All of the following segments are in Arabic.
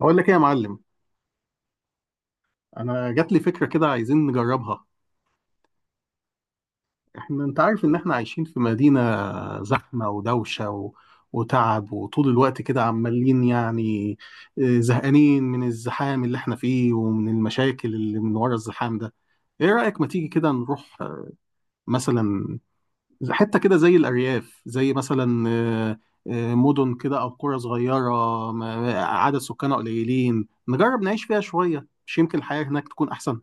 اقول لك ايه يا معلم. انا جات لي فكره كده، عايزين نجربها. احنا، انت عارف ان احنا عايشين في مدينه زحمه ودوشه وتعب، وطول الوقت كده عمالين زهقانين من الزحام اللي احنا فيه ومن المشاكل اللي من ورا الزحام ده. ايه رايك ما تيجي كده نروح مثلا حته كده زي الارياف، زي مثلا مدن كده او قرى صغيره عدد سكانها قليلين، نجرب نعيش فيها شويه، مش يمكن الحياه هناك تكون احسن.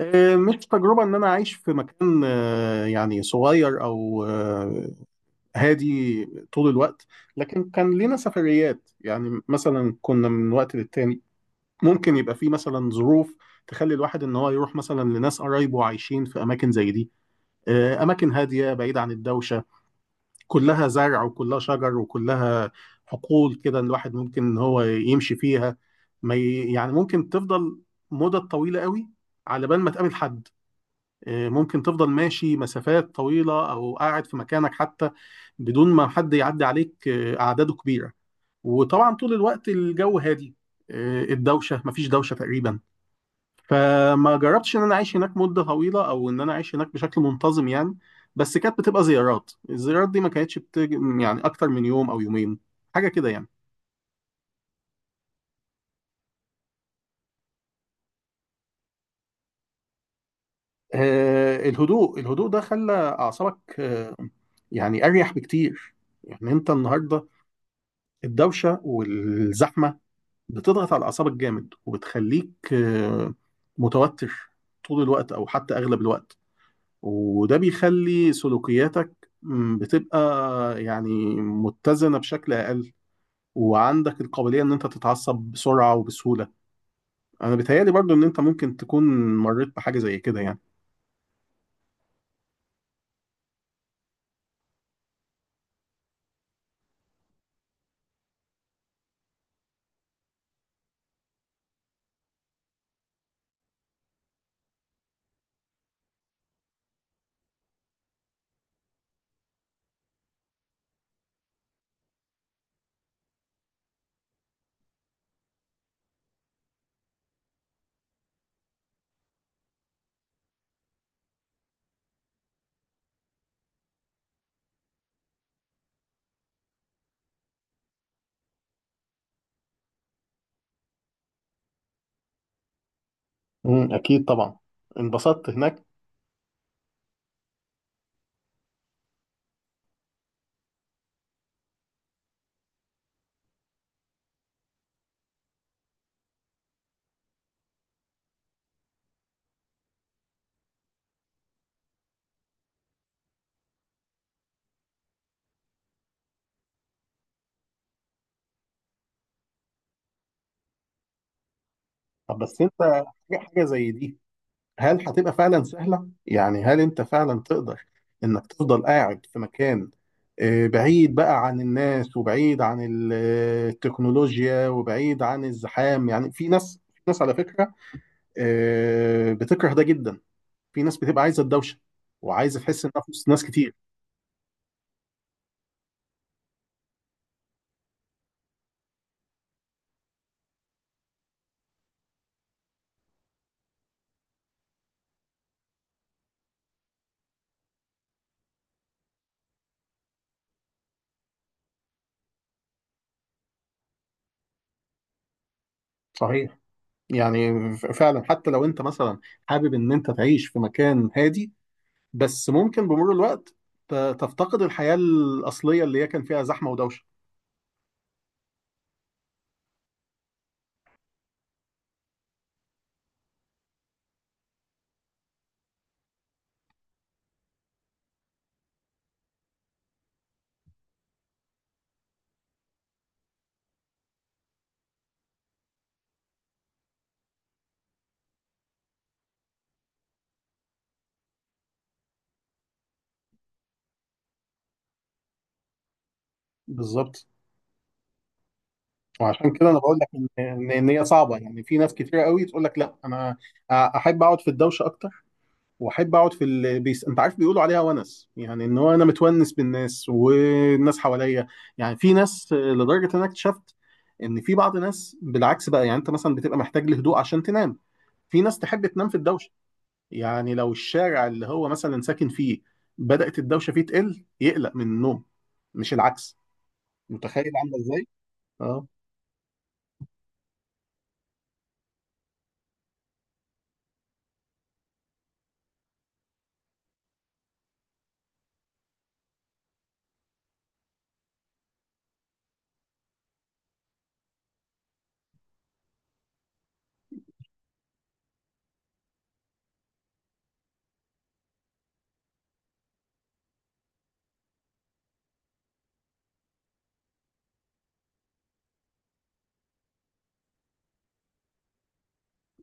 مش تجربة إن أنا عايش في مكان يعني صغير أو هادي طول الوقت، لكن كان لينا سفريات يعني، مثلا كنا من وقت للتاني ممكن يبقى في مثلا ظروف تخلي الواحد إن هو يروح مثلا لناس قرايبه عايشين في أماكن زي دي. أماكن هادية بعيدة عن الدوشة، كلها زرع وكلها شجر وكلها حقول كده، الواحد ممكن إن هو يمشي فيها ما ي- يعني ممكن تفضل مدة طويلة قوي على بال ما تقابل حد. ممكن تفضل ماشي مسافات طويلة أو قاعد في مكانك حتى بدون ما حد يعدي عليك، أعداده كبيرة. وطبعا طول الوقت الجو هادي، الدوشة مفيش دوشة تقريبا. فما جربتش إن أنا أعيش هناك مدة طويلة أو إن أنا أعيش هناك بشكل منتظم يعني، بس كانت بتبقى زيارات، الزيارات دي ما كانتش بتج... يعني أكتر من يوم أو يومين، حاجة كده يعني. الهدوء، الهدوء ده خلى أعصابك يعني أريح بكتير. يعني أنت النهاردة الدوشة والزحمة بتضغط على اعصابك جامد، وبتخليك متوتر طول الوقت او حتى اغلب الوقت، وده بيخلي سلوكياتك بتبقى يعني متزنة بشكل اقل، وعندك القابلية ان انت تتعصب بسرعة وبسهولة. انا بيتهيألي برضو ان انت ممكن تكون مريت بحاجة زي كده يعني. امم، اكيد طبعا انبسطت هناك. طب بس انت حاجة زي دي، هل هتبقى فعلا سهلة؟ يعني هل انت فعلا تقدر انك تفضل قاعد في مكان بعيد بقى عن الناس، وبعيد عن التكنولوجيا، وبعيد عن الزحام؟ يعني في ناس، في ناس على فكرة بتكره ده جدا، في ناس بتبقى عايزة الدوشة وعايزة تحس انها في وسط ناس كتير. صحيح، يعني فعلا حتى لو انت مثلا حابب ان انت تعيش في مكان هادي، بس ممكن بمرور الوقت تفتقد الحياة الأصلية اللي هي كان فيها زحمة ودوشة. بالظبط، وعشان كده انا بقول لك ان إن هي صعبه. يعني في ناس كتير قوي تقول لك لا، انا احب اقعد في الدوشه اكتر، واحب اقعد في انت عارف بيقولوا عليها ونس، يعني ان هو انا متونس بالناس والناس حواليا. يعني في ناس، لدرجه ان انا اكتشفت ان في بعض ناس بالعكس بقى، يعني انت مثلا بتبقى محتاج لهدوء عشان تنام، في ناس تحب تنام في الدوشه. يعني لو الشارع اللي هو مثلا ساكن فيه بدأت الدوشه فيه تقل يقلق من النوم، مش العكس. متخيل عامله ازاي؟ اه،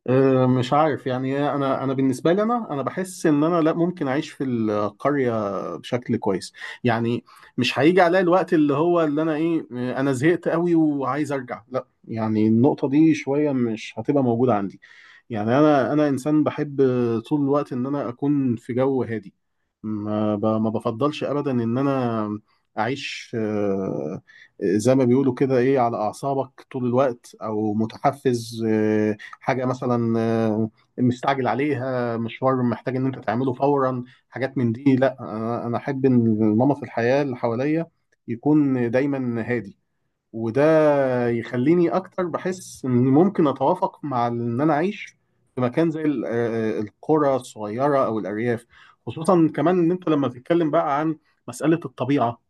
أه، مش عارف يعني إيه، انا بالنسبه لي، انا بحس ان انا لا ممكن اعيش في القريه بشكل كويس. يعني مش هيجي عليا الوقت اللي هو اللي انا ايه آه، انا زهقت قوي وعايز ارجع، لا، يعني النقطه دي شويه مش هتبقى موجوده عندي. يعني انا انسان بحب طول الوقت ان انا اكون في جو هادي، ما بفضلش ابدا ان انا اعيش زي ما بيقولوا كده، ايه، على اعصابك طول الوقت، او متحفز، حاجه مثلا مستعجل عليها، مشوار محتاج ان انت تعمله فورا، حاجات من دي لا. أنا احب ان نمط الحياه اللي حواليا يكون دايما هادي، وده يخليني اكتر بحس اني ممكن اتوافق مع ان انا اعيش في مكان زي القرى الصغيره او الارياف. خصوصا كمان ان انت لما تتكلم بقى عن مساله الطبيعه،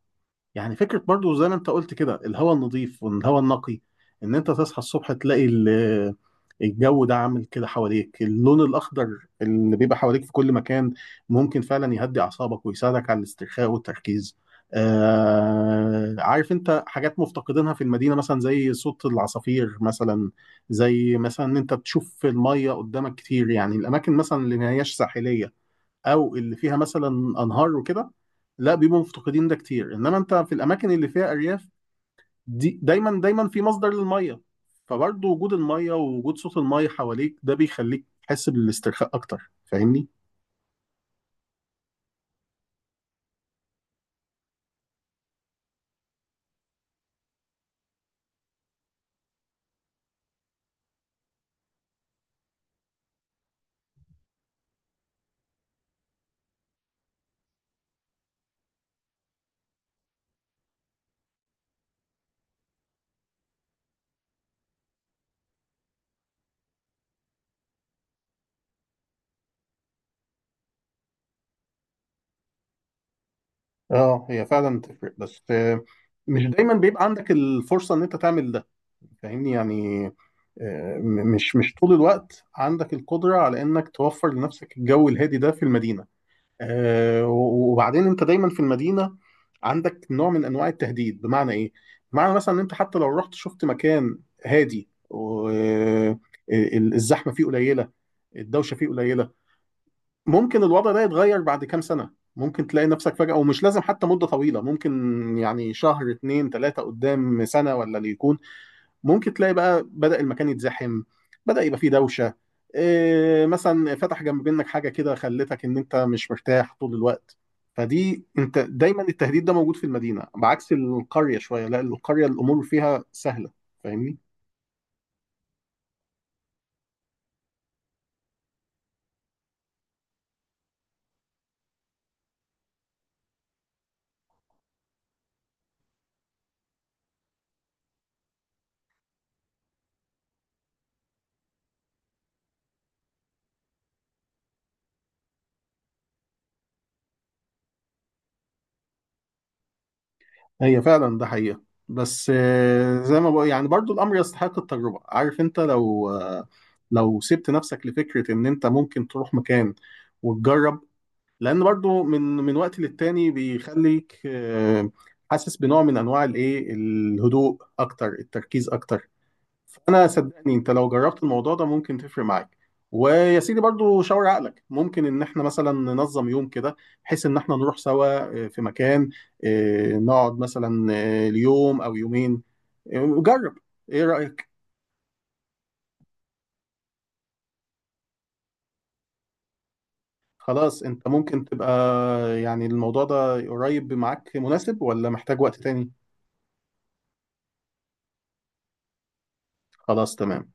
يعني فكرة برضو زي ما انت قلت كده الهواء النظيف والهواء النقي، ان انت تصحى الصبح تلاقي الجو ده عامل كده حواليك، اللون الاخضر اللي بيبقى حواليك في كل مكان ممكن فعلا يهدي اعصابك ويساعدك على الاسترخاء والتركيز. آه، عارف انت حاجات مفتقدينها في المدينة، مثلا زي صوت العصافير مثلا، زي مثلا ان انت تشوف المية قدامك كتير. يعني الاماكن مثلا اللي ما هياش ساحلية، او اللي فيها مثلا انهار وكده، لا بيبقوا مفتقدين ده كتير. انما انت في الاماكن اللي فيها ارياف دي دايما دايما في مصدر للميه، فبرضه وجود الميه ووجود صوت الميه حواليك ده بيخليك تحس بالاسترخاء اكتر، فاهمني؟ اه، هي فعلا تفرق، بس مش دايما بيبقى عندك الفرصه ان انت تعمل ده، فاهمني؟ يعني مش طول الوقت عندك القدره على انك توفر لنفسك الجو الهادي ده في المدينه. وبعدين انت دايما في المدينه عندك نوع من انواع التهديد. بمعنى ايه؟ بمعنى مثلا ان انت حتى لو رحت شفت مكان هادي الزحمه فيه قليله، الدوشه فيه قليله، ممكن الوضع ده يتغير بعد كام سنه، ممكن تلاقي نفسك فجاه، ومش لازم حتى مده طويله، ممكن يعني شهر اتنين تلاته قدام سنه ولا اللي يكون. ممكن تلاقي بقى بدأ المكان يتزحم، بدأ يبقى فيه دوشة، إيه، مثلا فتح جنب منك حاجة كده خلتك ان انت مش مرتاح طول الوقت. فدي انت دايما التهديد ده موجود في المدينة، بعكس القرية شوية لا، القرية الأمور فيها سهلة، فاهمني؟ هي فعلا ده حقيقة، بس زي ما بقول يعني، برضو الأمر يستحق التجربة. عارف انت لو لو سبت نفسك لفكرة ان انت ممكن تروح مكان وتجرب، لان برضو من وقت للتاني بيخليك حاسس بنوع من انواع الايه، الهدوء اكتر، التركيز اكتر. فانا صدقني انت لو جربت الموضوع ده ممكن تفرق معاك. ويا سيدي برضو شاور عقلك، ممكن ان احنا مثلا ننظم يوم كده بحيث ان احنا نروح سوا في مكان، نقعد مثلا ليوم او يومين. جرب، ايه رأيك؟ خلاص، انت ممكن تبقى، يعني الموضوع ده قريب معاك مناسب، ولا محتاج وقت تاني؟ خلاص، تمام.